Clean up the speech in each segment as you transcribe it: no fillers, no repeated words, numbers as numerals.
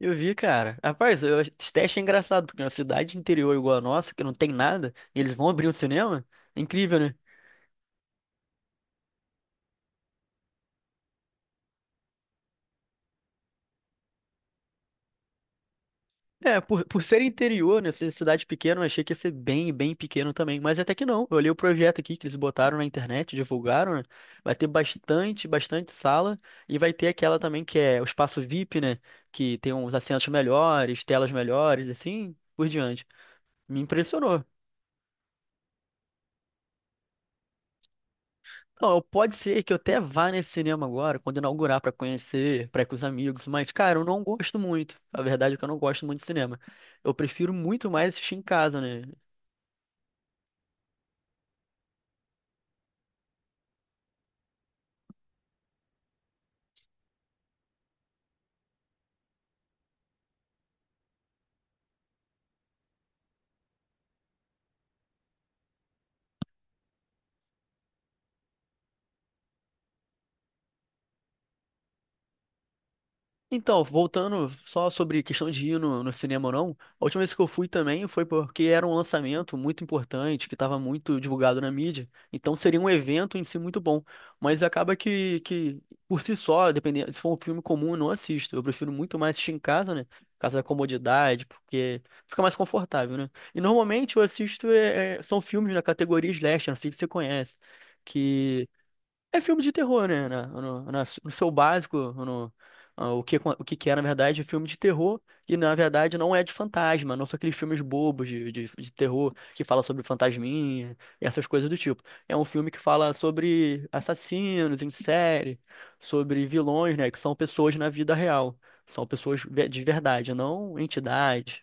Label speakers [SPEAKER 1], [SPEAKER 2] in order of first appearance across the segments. [SPEAKER 1] Eu vi, cara. Rapaz, eu, esse teste é engraçado, porque uma cidade interior igual a nossa, que não tem nada, e eles vão abrir um cinema? É incrível, né? É, por ser interior, né, ser cidade pequena, eu achei que ia ser bem, bem pequeno também, mas até que não. Eu olhei o projeto aqui que eles botaram na internet, divulgaram, né? Vai ter bastante, bastante sala, e vai ter aquela também que é o espaço VIP, né? Que tem uns assentos melhores, telas melhores, assim, por diante. Me impressionou. Não, pode ser que eu até vá nesse cinema agora, quando inaugurar, pra conhecer, pra ir com os amigos, mas, cara, eu não gosto muito. A verdade é que eu não gosto muito de cinema. Eu prefiro muito mais assistir em casa, né? Então, voltando só sobre questão de ir no, no cinema ou não, a última vez que eu fui também foi porque era um lançamento muito importante, que estava muito divulgado na mídia, então seria um evento em si muito bom, mas acaba que por si só, dependendo, se for um filme comum, eu não assisto, eu prefiro muito mais assistir em casa, né, por causa da comodidade, porque fica mais confortável, né, e normalmente eu assisto, são filmes da categoria slasher, não sei se você conhece, que... É filme de terror, né? No seu básico, no, o que, na verdade, é filme de terror, e na verdade não é de fantasma, não são aqueles filmes bobos de terror que fala sobre fantasminha e essas coisas do tipo. É um filme que fala sobre assassinos em série, sobre vilões, né? Que são pessoas na vida real. São pessoas de verdade, não entidades.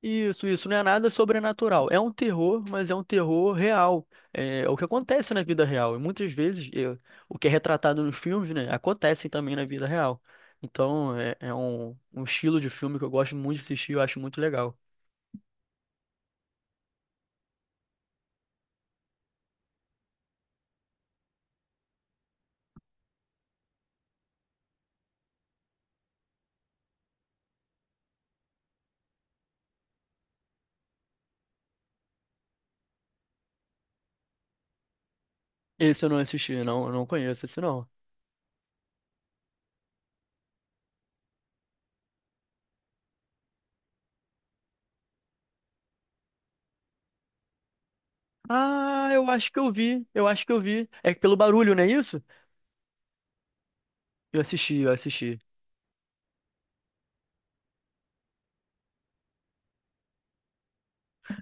[SPEAKER 1] Isso não é nada sobrenatural. É um terror, mas é um terror real. É, é o que acontece na vida real. E muitas vezes é, o que é retratado nos filmes, né, acontece também na vida real. Então é, é um, um estilo de filme que eu gosto muito de assistir, eu acho muito legal. Esse eu não assisti, não, eu não conheço esse não. Ah, eu acho que eu vi, eu acho que eu vi. É pelo barulho, não é isso? Eu assisti, eu assisti.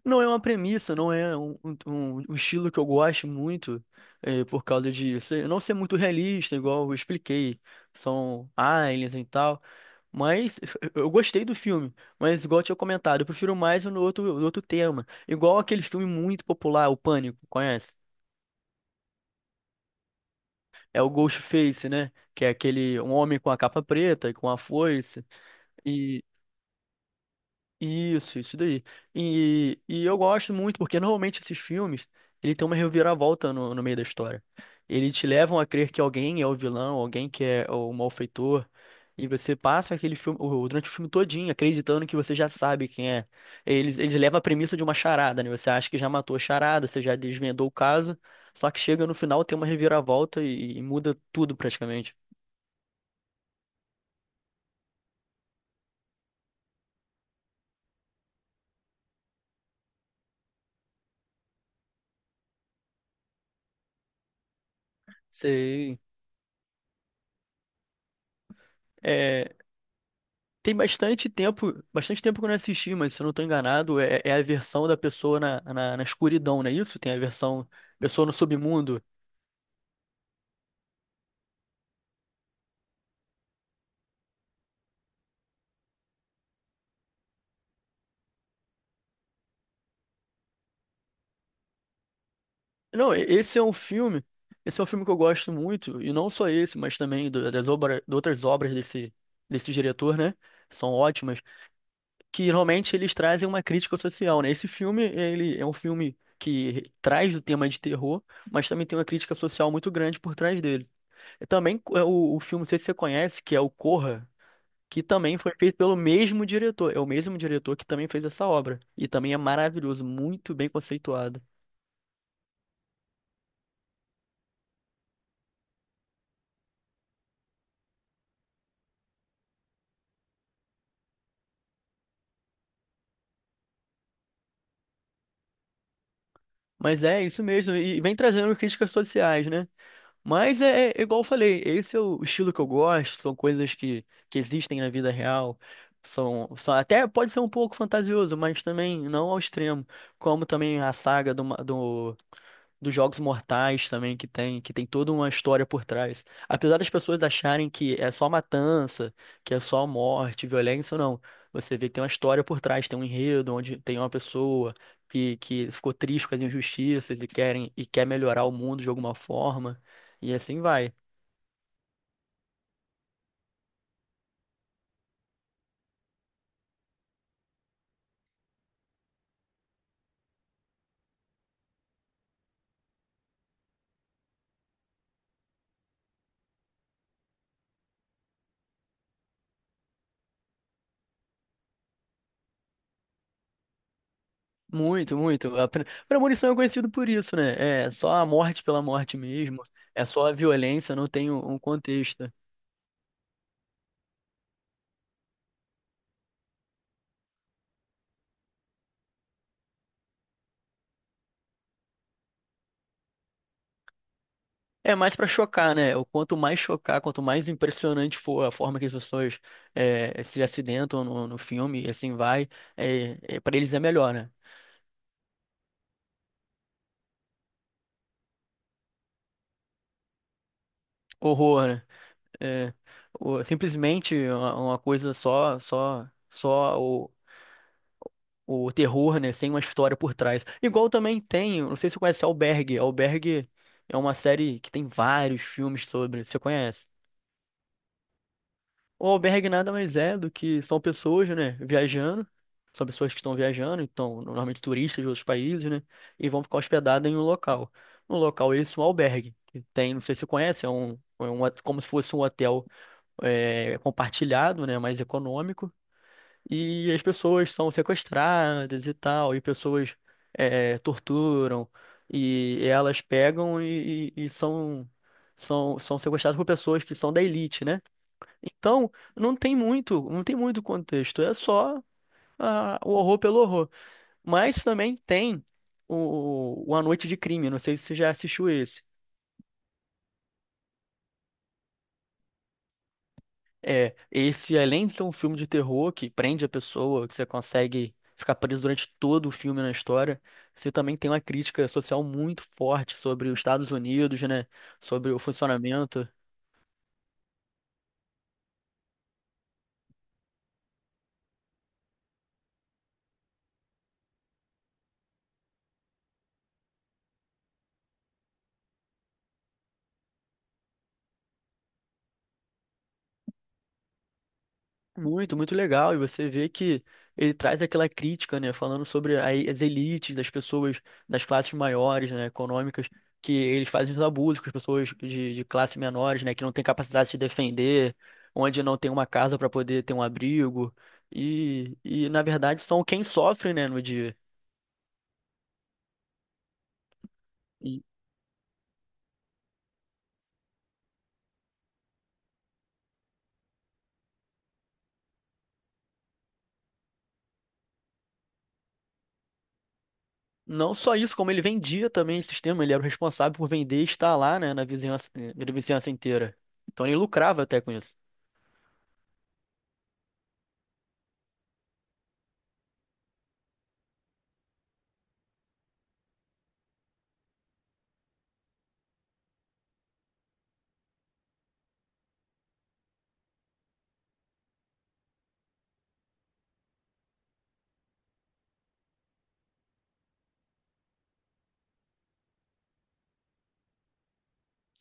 [SPEAKER 1] Não é uma premissa, não é um, um estilo que eu gosto muito, por causa de não ser muito realista, igual eu expliquei. São aliens e tal. Mas eu gostei do filme, mas igual eu tinha comentado, eu prefiro mais no outro, no outro tema. Igual aquele filme muito popular, O Pânico, conhece? É o Ghostface, né? Que é aquele um homem com a capa preta e com a foice. Isso daí. E eu gosto muito, porque normalmente esses filmes, ele tem uma reviravolta no, no meio da história. Eles te levam a crer que alguém é o vilão, alguém que é o malfeitor, e você passa aquele filme, durante o filme todinho, acreditando que você já sabe quem é. Eles levam a premissa de uma charada, né? Você acha que já matou a charada, você já desvendou o caso, só que chega no final, tem uma reviravolta e muda tudo praticamente. Sei. É, tem bastante tempo que eu não assisti, mas se eu não estou enganado, é, é a versão da pessoa na, na, na escuridão, não é isso? Tem a versão pessoa no submundo. Não, esse é um filme, esse é um filme que eu gosto muito, e não só esse, mas também das obras, de outras obras desse, desse diretor, né? São ótimas, que realmente eles trazem uma crítica social, né? Esse filme, ele é um filme que traz o tema de terror, mas também tem uma crítica social muito grande por trás dele. E também é, o filme, não sei se você conhece, que é o Corra, que também foi feito pelo mesmo diretor. É o mesmo diretor que também fez essa obra. E também é maravilhoso, muito bem conceituado. Mas é isso mesmo, e vem trazendo críticas sociais, né? Mas é, é igual eu falei, esse é o estilo que eu gosto, são coisas que existem na vida real. São, são, até pode ser um pouco fantasioso, mas também não ao extremo. Como também a saga do, dos Jogos Mortais também, que tem toda uma história por trás. Apesar das pessoas acharem que é só matança, que é só morte, violência, não. Você vê que tem uma história por trás, tem um enredo onde tem uma pessoa que ficou triste com as injustiças e quer melhorar o mundo de alguma forma. E assim vai. Muito, muito. A premonição é conhecido por isso, né? É só a morte pela morte mesmo. É só a violência, não tem um contexto. É mais pra chocar, né? O quanto mais chocar, quanto mais impressionante for a forma que as pessoas se acidentam no, no filme, e assim vai, é, é, para eles é melhor, né? Horror, né? É, simplesmente uma coisa só o terror, né? Sem uma história por trás. Igual também tem, não sei se você conhece Albergue. Albergue é uma série que tem vários filmes sobre. Você conhece? O albergue nada mais é do que são pessoas, né, viajando, são pessoas que estão viajando, então, normalmente turistas de outros países, né, e vão ficar hospedadas em um local. No local esse, um albergue, que tem, não sei se você conhece, é um como se fosse um hotel é, compartilhado, né, mais econômico, e as pessoas são sequestradas e tal, e pessoas é, torturam, e elas pegam e são, são, são sequestradas por pessoas que são da elite, né? Então, não tem muito, não tem muito contexto, é só o horror pelo horror. Mas também tem o A Noite de Crime, não sei se você já assistiu esse. É, esse além de ser um filme de terror que prende a pessoa, que você consegue ficar preso durante todo o filme na história, você também tem uma crítica social muito forte sobre os Estados Unidos, né? Sobre o funcionamento. Muito, muito legal. E você vê que ele traz aquela crítica, né, falando sobre as elites das pessoas das classes maiores, né, econômicas, que eles fazem os abusos com as pessoas de classe menores, né, que não tem capacidade de se defender, onde não tem uma casa para poder ter um abrigo. E, na verdade, são quem sofre, né, no dia. E não só isso, como ele vendia também esse sistema, ele era o responsável por vender e estar lá, né, na vizinhança inteira. Então ele lucrava até com isso.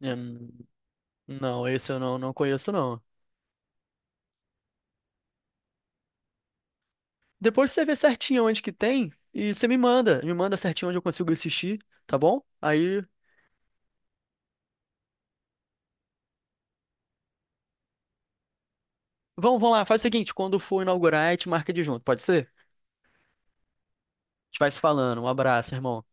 [SPEAKER 1] É, não, esse eu não, não conheço, não. Depois você vê certinho onde que tem e você me manda. Me manda certinho onde eu consigo assistir, tá bom? Aí, vamos, vamos lá. Faz o seguinte, quando for inaugurar, a gente marca de junto, pode ser? A gente vai se falando. Um abraço, irmão.